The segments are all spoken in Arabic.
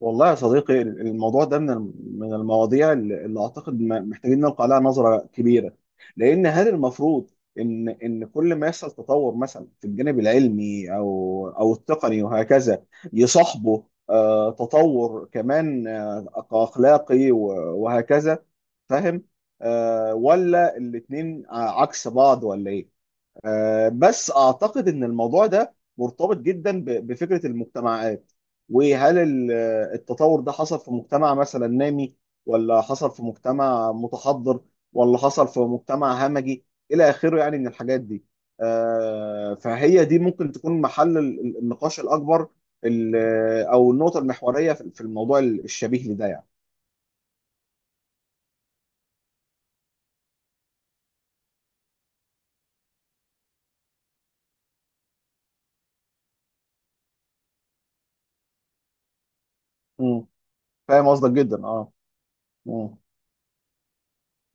والله يا صديقي، الموضوع ده من المواضيع اللي اعتقد محتاجين نلقى عليها نظره كبيره. لان هل المفروض ان كل ما يحصل تطور مثلا في الجانب العلمي او التقني وهكذا، يصاحبه تطور كمان اخلاقي وهكذا؟ فاهم؟ ولا الاتنين عكس بعض ولا ايه؟ بس اعتقد ان الموضوع ده مرتبط جدا بفكره المجتمعات. وهل ال- التطور ده حصل في مجتمع مثلا نامي، ولا حصل في مجتمع متحضر، ولا حصل في مجتمع همجي، الى اخره يعني من الحاجات دي. فهي دي ممكن تكون محل النقاش الاكبر، ال- او النقطه المحوريه في الموضوع الشبيه لده يعني. مم. فاهم قصدك جدا، اه. مم.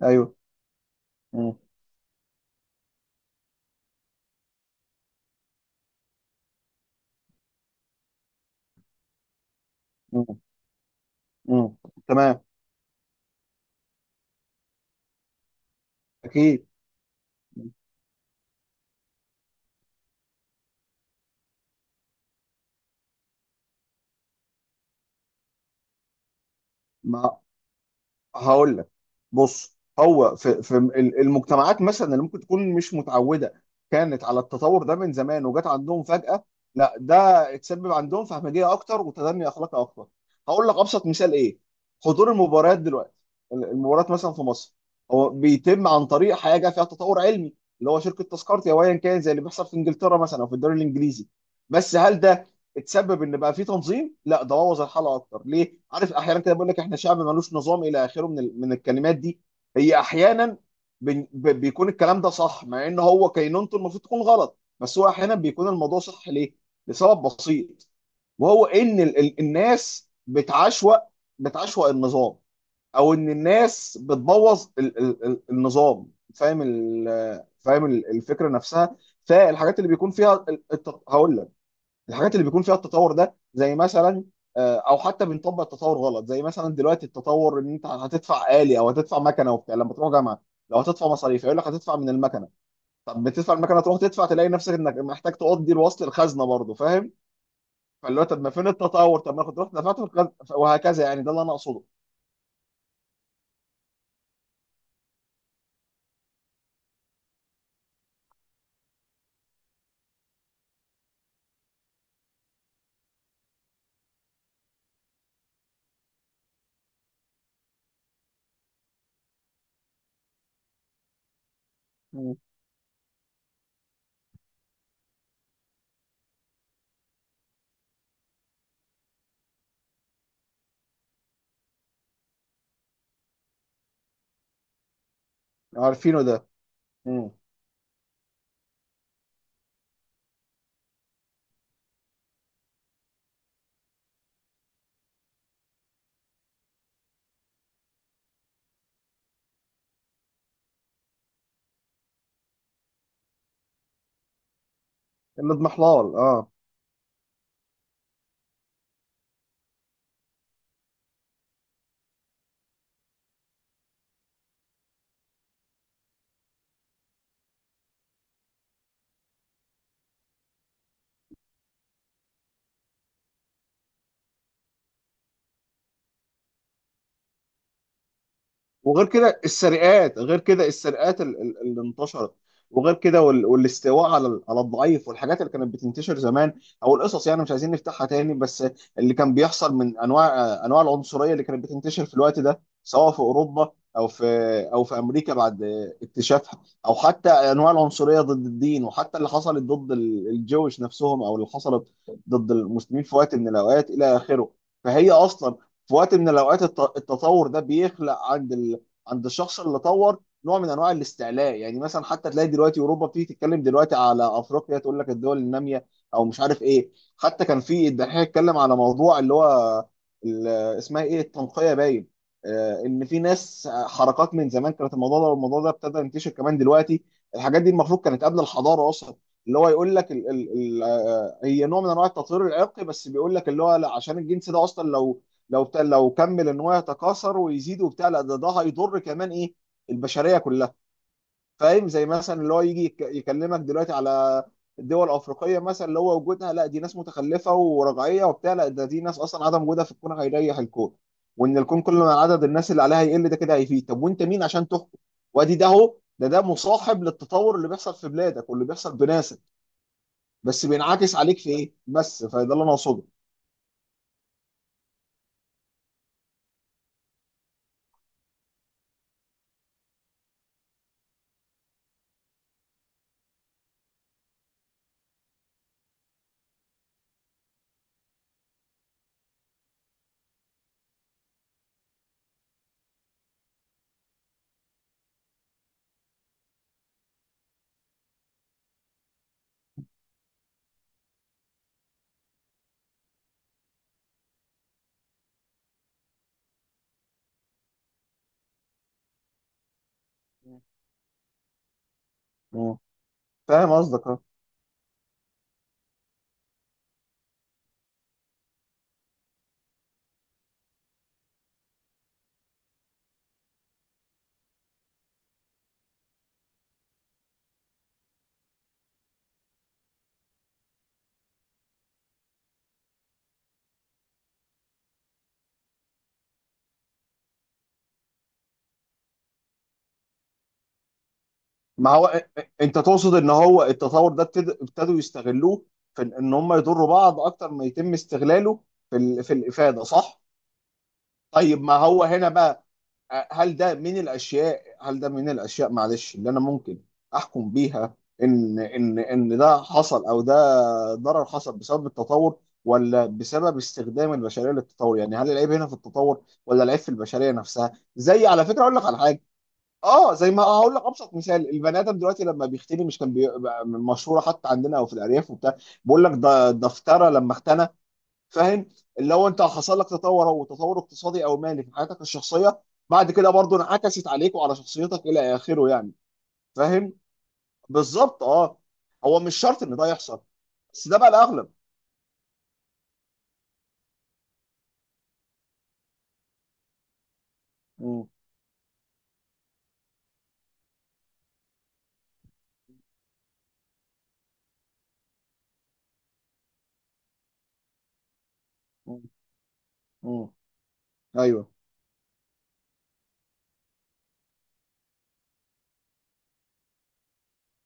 ايوه. مم. مم. مم. تمام. اكيد. ما هقول لك، بص، هو في المجتمعات مثلا اللي ممكن تكون مش متعوده كانت على التطور ده من زمان وجات عندهم فجاه، لا ده اتسبب عندهم في همجيه اكتر وتدني اخلاقي اكتر. هقول لك ابسط مثال ايه: حضور المباريات دلوقتي. المباريات مثلا في مصر هو بيتم عن طريق حاجه فيها تطور علمي، اللي هو شركه تذكرتي او ايا كان، زي اللي بيحصل في انجلترا مثلا او في الدوري الانجليزي. بس هل ده اتسبب ان بقى في تنظيم؟ لا، ده بوظ الحلقه اكتر. ليه عارف؟ احيانا كده بقول لك احنا شعب ملوش نظام الى اخره من الكلمات دي. هي احيانا بيكون الكلام ده صح، مع ان هو كينونته المفروض تكون غلط، بس هو احيانا بيكون الموضوع صح. ليه؟ لسبب بسيط، وهو ان الناس بتعشوأ، بتعشوأ النظام، او ان الناس بتبوظ النظام. فاهم فاهم الفكره نفسها. فالحاجات اللي بيكون فيها هقول لك، الحاجات اللي بيكون فيها التطور ده، زي مثلا او حتى بنطبق التطور غلط، زي مثلا دلوقتي التطور ان انت هتدفع آلي او هتدفع مكنه وبتاع لما تروح جامعه. لو هتدفع مصاريف يقول لك هتدفع من المكنه، طب بتدفع المكنه تروح تدفع تلاقي نفسك انك محتاج تقضي الوصل الخزنه برضه. فاهم؟ فاللي هو طب ما فين التطور؟ طب ما كنت رحت دفعت في الخزنه وهكذا، يعني ده اللي انا اقصده. مم. عارفينه ده. مم. الاضمحلال، اه. وغير كده السرقات، غير كده السرقات اللي انتشرت، وغير كده والاستواء على على الضعيف، والحاجات اللي كانت بتنتشر زمان، او القصص يعني مش عايزين نفتحها تاني، بس اللي كان بيحصل من انواع، انواع العنصريه اللي كانت بتنتشر في الوقت ده، سواء في اوروبا، او في، او في امريكا بعد اكتشافها، او حتى انواع العنصريه ضد الدين، وحتى اللي حصلت ضد الجويش نفسهم، او اللي حصلت ضد المسلمين في وقت من الاوقات الى اخره. فهي اصلا في وقت من الاوقات التطور ده بيخلق عند ال، عند الشخص اللي طور نوع من انواع الاستعلاء. يعني مثلا حتى تلاقي دلوقتي اوروبا بتيجي تتكلم دلوقتي على افريقيا، تقول لك الدول الناميه او مش عارف ايه. حتى كان في الدحيح اتكلم على موضوع اللي هو ال- اسمها ايه، التنقيه، باين. ان في ناس، حركات من زمان كانت الموضوع ده، والموضوع ده ابتدى ينتشر كمان دلوقتي. الحاجات دي المفروض كانت قبل الحضاره اصلا، اللي هو يقول لك ال ال ال هي نوع من انواع التطهير العرقي، بس بيقول لك اللي هو لا، عشان الجنس ده اصلا لو، لو كمل ان هو يتكاثر ويزيد وبتاع، لا ده، ده هيضر كمان ايه، البشريه كلها. فاهم؟ زي مثلا اللي هو يجي يكلمك دلوقتي على الدول الافريقيه مثلا، اللي هو وجودها، لا دي ناس متخلفه ورجعيه وبتاع، لا ده دي ناس اصلا عدم وجودها في الكون هيريح الكون، وان الكون كل ما عدد الناس اللي عليها يقل ده كده هيفيد. طب وانت مين عشان تحكم؟ وادي ده اهو، ده مصاحب للتطور اللي بيحصل في بلادك واللي بيحصل بناسك، بس بينعكس عليك في ايه بس. فده اللي انا اقصده. مم. فاهم قصدك. ما هو انت تقصد ان هو التطور ده ابتدوا يستغلوه في ان إن هم يضروا بعض اكتر ما يتم استغلاله في في الافاده، صح؟ طيب ما هو هنا بقى، هل ده من الاشياء، هل ده من الاشياء، معلش، اللي انا ممكن احكم بيها ان ان ده حصل، او ده ضرر حصل بسبب التطور ولا بسبب استخدام البشريه للتطور؟ يعني هل العيب هنا في التطور ولا العيب في البشريه نفسها؟ زي، على فكره، اقول لك على حاجه. اه، زي ما هقول لك ابسط مثال: البني ادم دلوقتي لما بيختني مش كان بي... مشهوره حتى عندنا او في الارياف وبتاع، بيقول لك ده دفتره لما اختنى. فاهم؟ اللي هو انت حصل لك تطور، او تطور اقتصادي او مالي في حياتك الشخصيه، بعد كده برضه انعكست عليك وعلى شخصيتك الى اخره يعني. فاهم؟ بالظبط، اه. هو مش شرط ان ده يحصل، بس ده بقى الاغلب. مم. مم. مم. ايوه.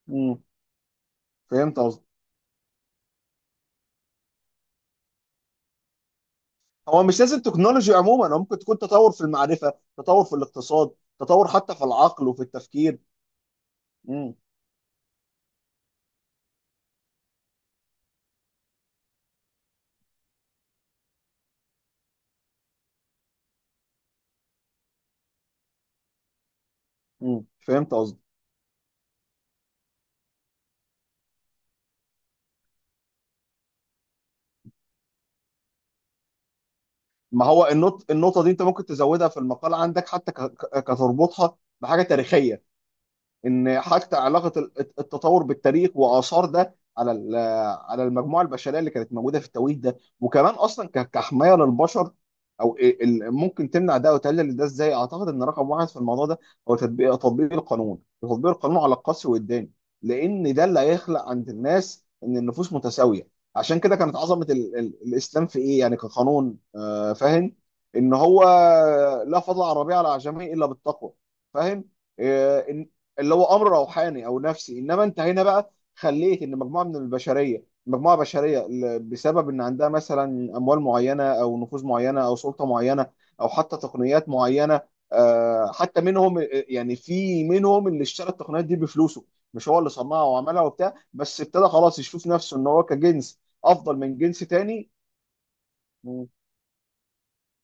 مم. فهمت. هو مش لازم تكنولوجي عموما، هو ممكن تكون تطور في المعرفة، تطور في الاقتصاد، تطور حتى في العقل وفي التفكير. امم فهمت قصدي. ما هو النقطة دي انت ممكن تزودها في المقال عندك، حتى كتربطها بحاجة تاريخية، ان حتى علاقه التطور بالتاريخ واثار ده على على المجموعه البشريه اللي كانت موجوده في التوقيت ده، وكمان اصلا كحمايه للبشر. او إيه ممكن تمنع ده وتقلل ده ازاي؟ اعتقد ان رقم واحد في الموضوع ده هو تطبيق، تطبيق القانون، تطبيق القانون على القسري والداني. لان ده اللي هيخلق عند الناس ان النفوس متساويه. عشان كده كانت عظمه ال ال الاسلام في ايه يعني كقانون، آه، فاهم، ان هو لا فضل على الربيع على العجمي الا بالتقوى. فاهم؟ آه، اللي هو امر روحاني او نفسي. انما انت هنا بقى خليت ان مجموعه من البشريه، مجموعه بشريه، بسبب ان عندها مثلا اموال معينه او نفوذ معينه او سلطه معينه، او حتى تقنيات معينه، حتى منهم يعني، في منهم اللي اشترى التقنيات دي بفلوسه، مش هو اللي صنعها وعملها وبتاع، بس ابتدى خلاص يشوف نفسه ان هو كجنس افضل من جنس تاني. م-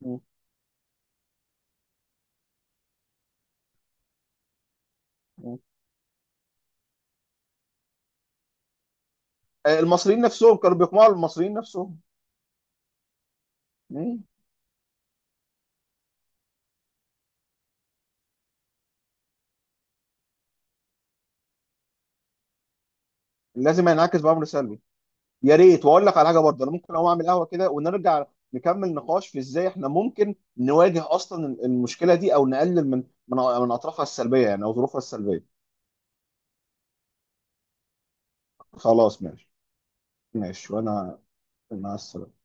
م- م. المصريين نفسهم كانوا بيقمعوا المصريين نفسهم. م. لازم ينعكس بأمر سلبي. يا ريت، واقول لك على حاجه برضه. انا ممكن اقوم اعمل قهوه كده ونرجع نكمل نقاش في ازاي احنا ممكن نواجه اصلا المشكله دي، او نقلل من من اطرافها السلبيه يعني، او ظروفها السلبيه. خلاص ماشي. ماشي. وانا مع السلامه.